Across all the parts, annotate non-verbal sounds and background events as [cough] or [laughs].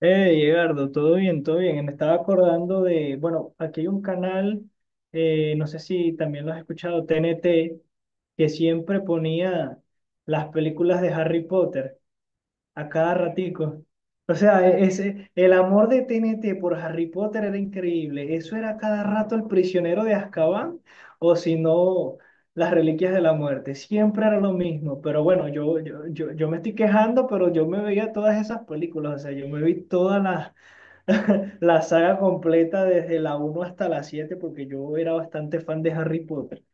Edgardo, todo bien, todo bien. Me estaba acordando de, bueno, aquí hay un canal, no sé si también lo has escuchado, TNT, que siempre ponía las películas de Harry Potter a cada ratico. O sea, ese, el amor de T N T por Harry Potter era increíble. Eso era cada rato el prisionero de Azkaban, o si no, las reliquias de la muerte. Siempre era lo mismo. Pero bueno, yo me estoy quejando, pero yo me veía todas esas películas. O sea, yo me vi toda la saga completa desde la uno hasta la 7 porque yo era bastante fan de Harry Potter.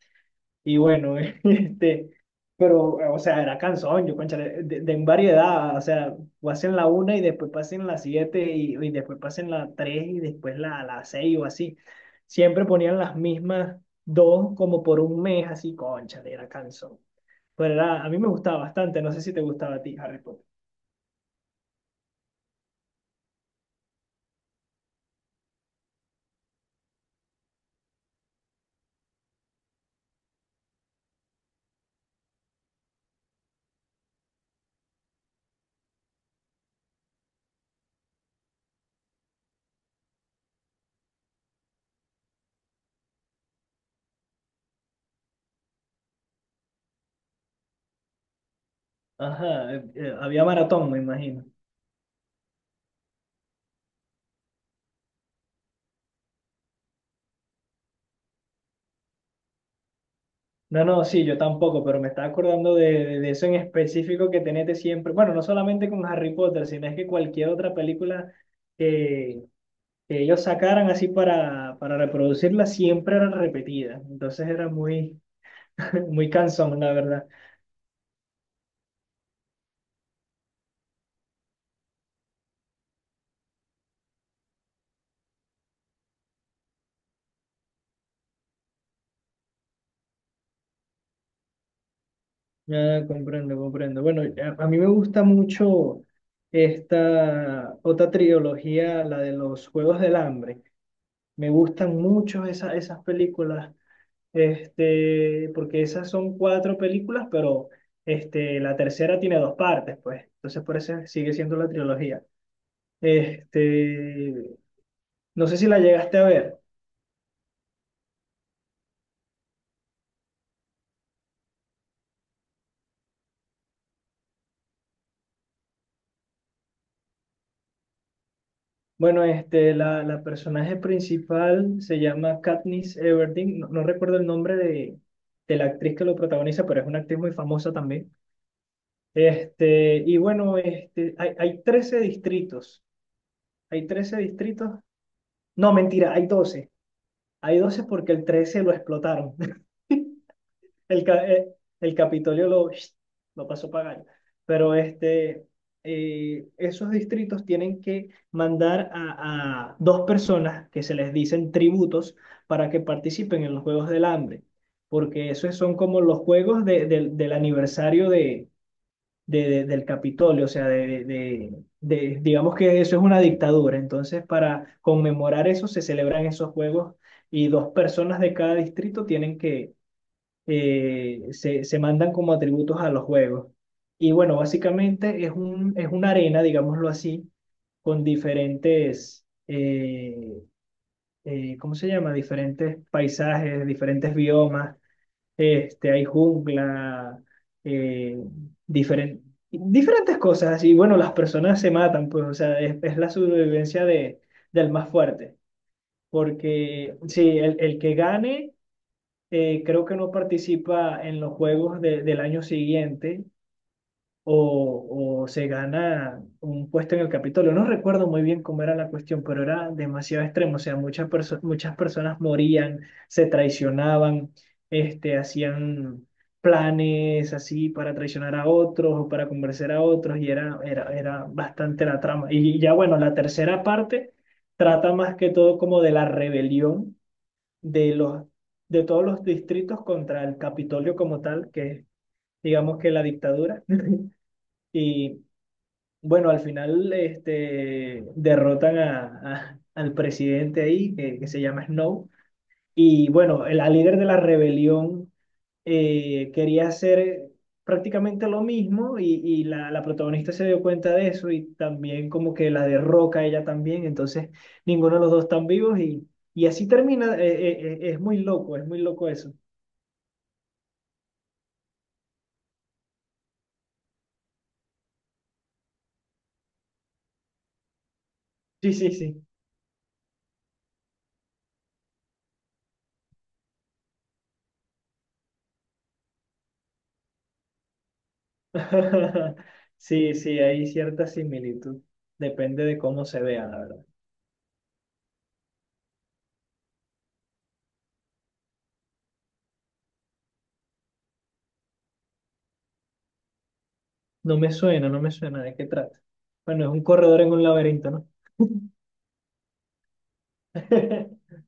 Y bueno, [laughs] este, pero, o sea, era canción, yo, cónchale, de en variedad, o sea, pasen la una y después pasen la siete y después pasen la tres y después la seis o así. Siempre ponían las mismas dos como por un mes, así, cónchale, era canción. Pero era, a mí me gustaba bastante, no sé si te gustaba a ti, Harry Potter. Ajá, había maratón, me imagino. No, no, sí, yo tampoco, pero me estaba acordando de eso en específico que tenete siempre. Bueno, no solamente con Harry Potter, sino es que cualquier otra película que, que ellos sacaran así para reproducirla siempre era repetida. Entonces era muy, [laughs] muy cansón, la verdad. Ya comprendo, comprendo. Bueno, a mí me gusta mucho esta otra trilogía, la de los Juegos del Hambre. Me gustan mucho esas películas. Porque esas son cuatro películas, pero la tercera tiene dos partes, pues. Entonces, por eso sigue siendo la trilogía. Este, no sé si la llegaste a ver. Bueno, la personaje principal se llama Katniss Everdeen. No, no recuerdo el nombre de la actriz que lo protagoniza, pero es una actriz muy famosa también. Y bueno, hay 13 distritos. Hay 13 distritos. No, mentira, hay 12. Hay 12 porque el 13 lo explotaron. El, ca- eh, el Capitolio lo pasó pagando. Pero esos distritos tienen que mandar a dos personas que se les dicen tributos para que participen en los Juegos del Hambre, porque esos son como los juegos del aniversario del Capitolio, o sea, digamos que eso es una dictadura. Entonces, para conmemorar eso, se celebran esos juegos y dos personas de cada distrito tienen que se mandan como atributos a los juegos. Y bueno, básicamente es una arena, digámoslo así, con diferentes, ¿cómo se llama? Diferentes paisajes, diferentes biomas. Hay jungla, eh, diferen- diferentes cosas. Y bueno, las personas se matan, pues, o sea, es la sobrevivencia del más fuerte. Porque sí, el que gane, creo que no participa en los juegos del año siguiente o se gana un puesto en el Capitolio. No recuerdo muy bien cómo era la cuestión, pero era demasiado extremo. O sea, muchas personas morían, se traicionaban, hacían planes así para traicionar a otros o para convencer a otros y era bastante la trama. Y ya bueno, la tercera parte trata más que todo como de la rebelión de los, de todos los distritos contra el Capitolio como tal, que es, digamos que la dictadura. [laughs] Y bueno, al final, derrotan al presidente ahí, que se llama Snow. Y bueno, la líder de la rebelión, quería hacer prácticamente lo mismo y la protagonista se dio cuenta de eso y también como que la derroca ella también. Entonces, ninguno de los dos están vivos y... Y así termina, es muy loco eso. Sí, sí, sí. [laughs] Sí, sí, hay cierta similitud. Depende de cómo se vea, la verdad. No me suena, no me suena de qué trata. Bueno, es un corredor en un laberinto, ¿no? [laughs]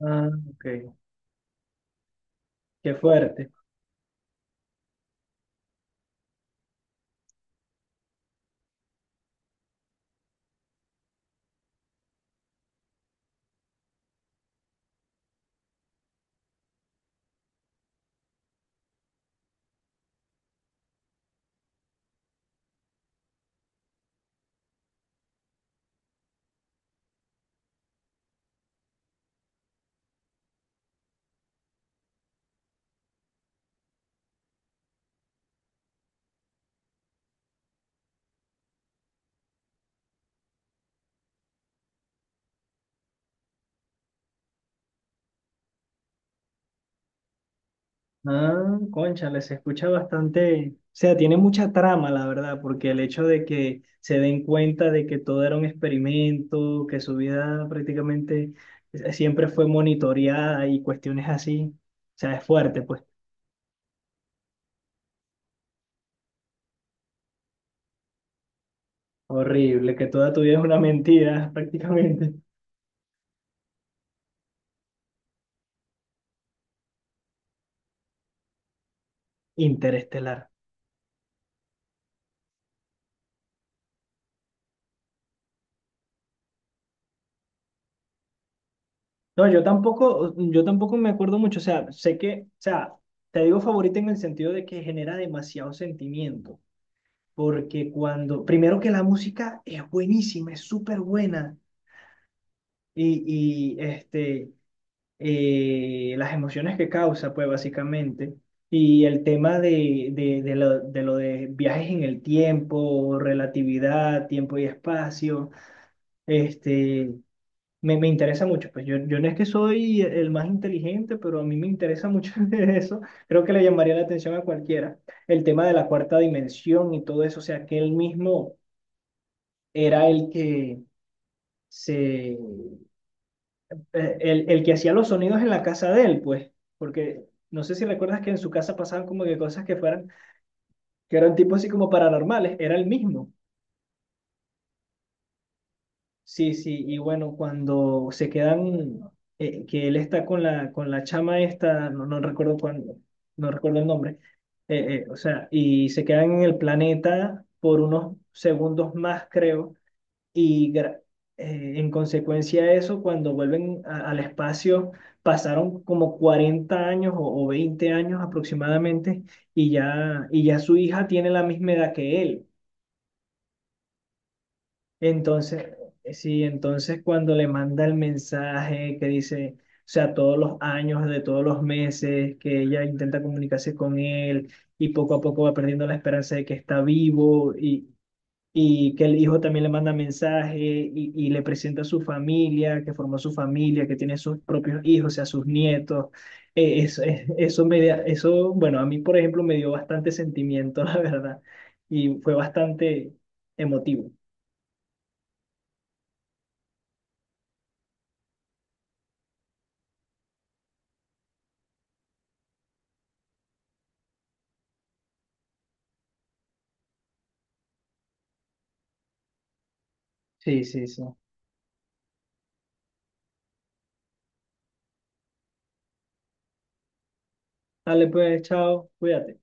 Ah, ok. Qué fuerte. Ah, cónchale, se escucha bastante. O sea, tiene mucha trama, la verdad, porque el hecho de que se den cuenta de que todo era un experimento, que su vida prácticamente, siempre fue monitoreada y cuestiones así, o sea, es fuerte, pues. Horrible, que toda tu vida es una mentira, [laughs] prácticamente. Interestelar. No, yo tampoco me acuerdo mucho. O sea, sé que, o sea, te digo favorita en el sentido de que genera demasiado sentimiento. Porque cuando, primero que la música es buenísima, es súper buena. Y las emociones que causa, pues básicamente. Y el tema de lo de viajes en el tiempo, relatividad, tiempo y espacio. Este, me interesa mucho, pues yo no es que soy el más inteligente, pero a mí me interesa mucho [laughs] de eso. Creo que le llamaría la atención a cualquiera. El tema de la cuarta dimensión y todo eso, o sea, que él mismo era el que se, eh, el que hacía los sonidos en la casa de él, pues, porque no sé si recuerdas que en su casa pasaban como que cosas que fueran, que eran tipo así como paranormales, era el mismo. Sí, sí, y bueno, cuando se quedan, que él está con la chama esta, no, no recuerdo cuándo, no recuerdo el nombre, o sea, y se quedan en el planeta por unos segundos más, creo, y en consecuencia de eso, cuando vuelven al espacio, pasaron como 40 años o 20 años aproximadamente, y ya su hija tiene la misma edad que él. Entonces, sí, entonces cuando le manda el mensaje que dice, o sea, todos los años, de todos los meses, que ella intenta comunicarse con él y poco a poco va perdiendo la esperanza de que está vivo y que el hijo también le manda mensaje y le presenta a su familia, que formó su familia, que tiene sus propios hijos, o sea, sus nietos. Eso, eso, me da- eso, bueno, a mí, por ejemplo, me dio bastante sentimiento, [laughs] la verdad, y fue bastante emotivo. Sí, sí, sí. Dale pues, chao, cuídate.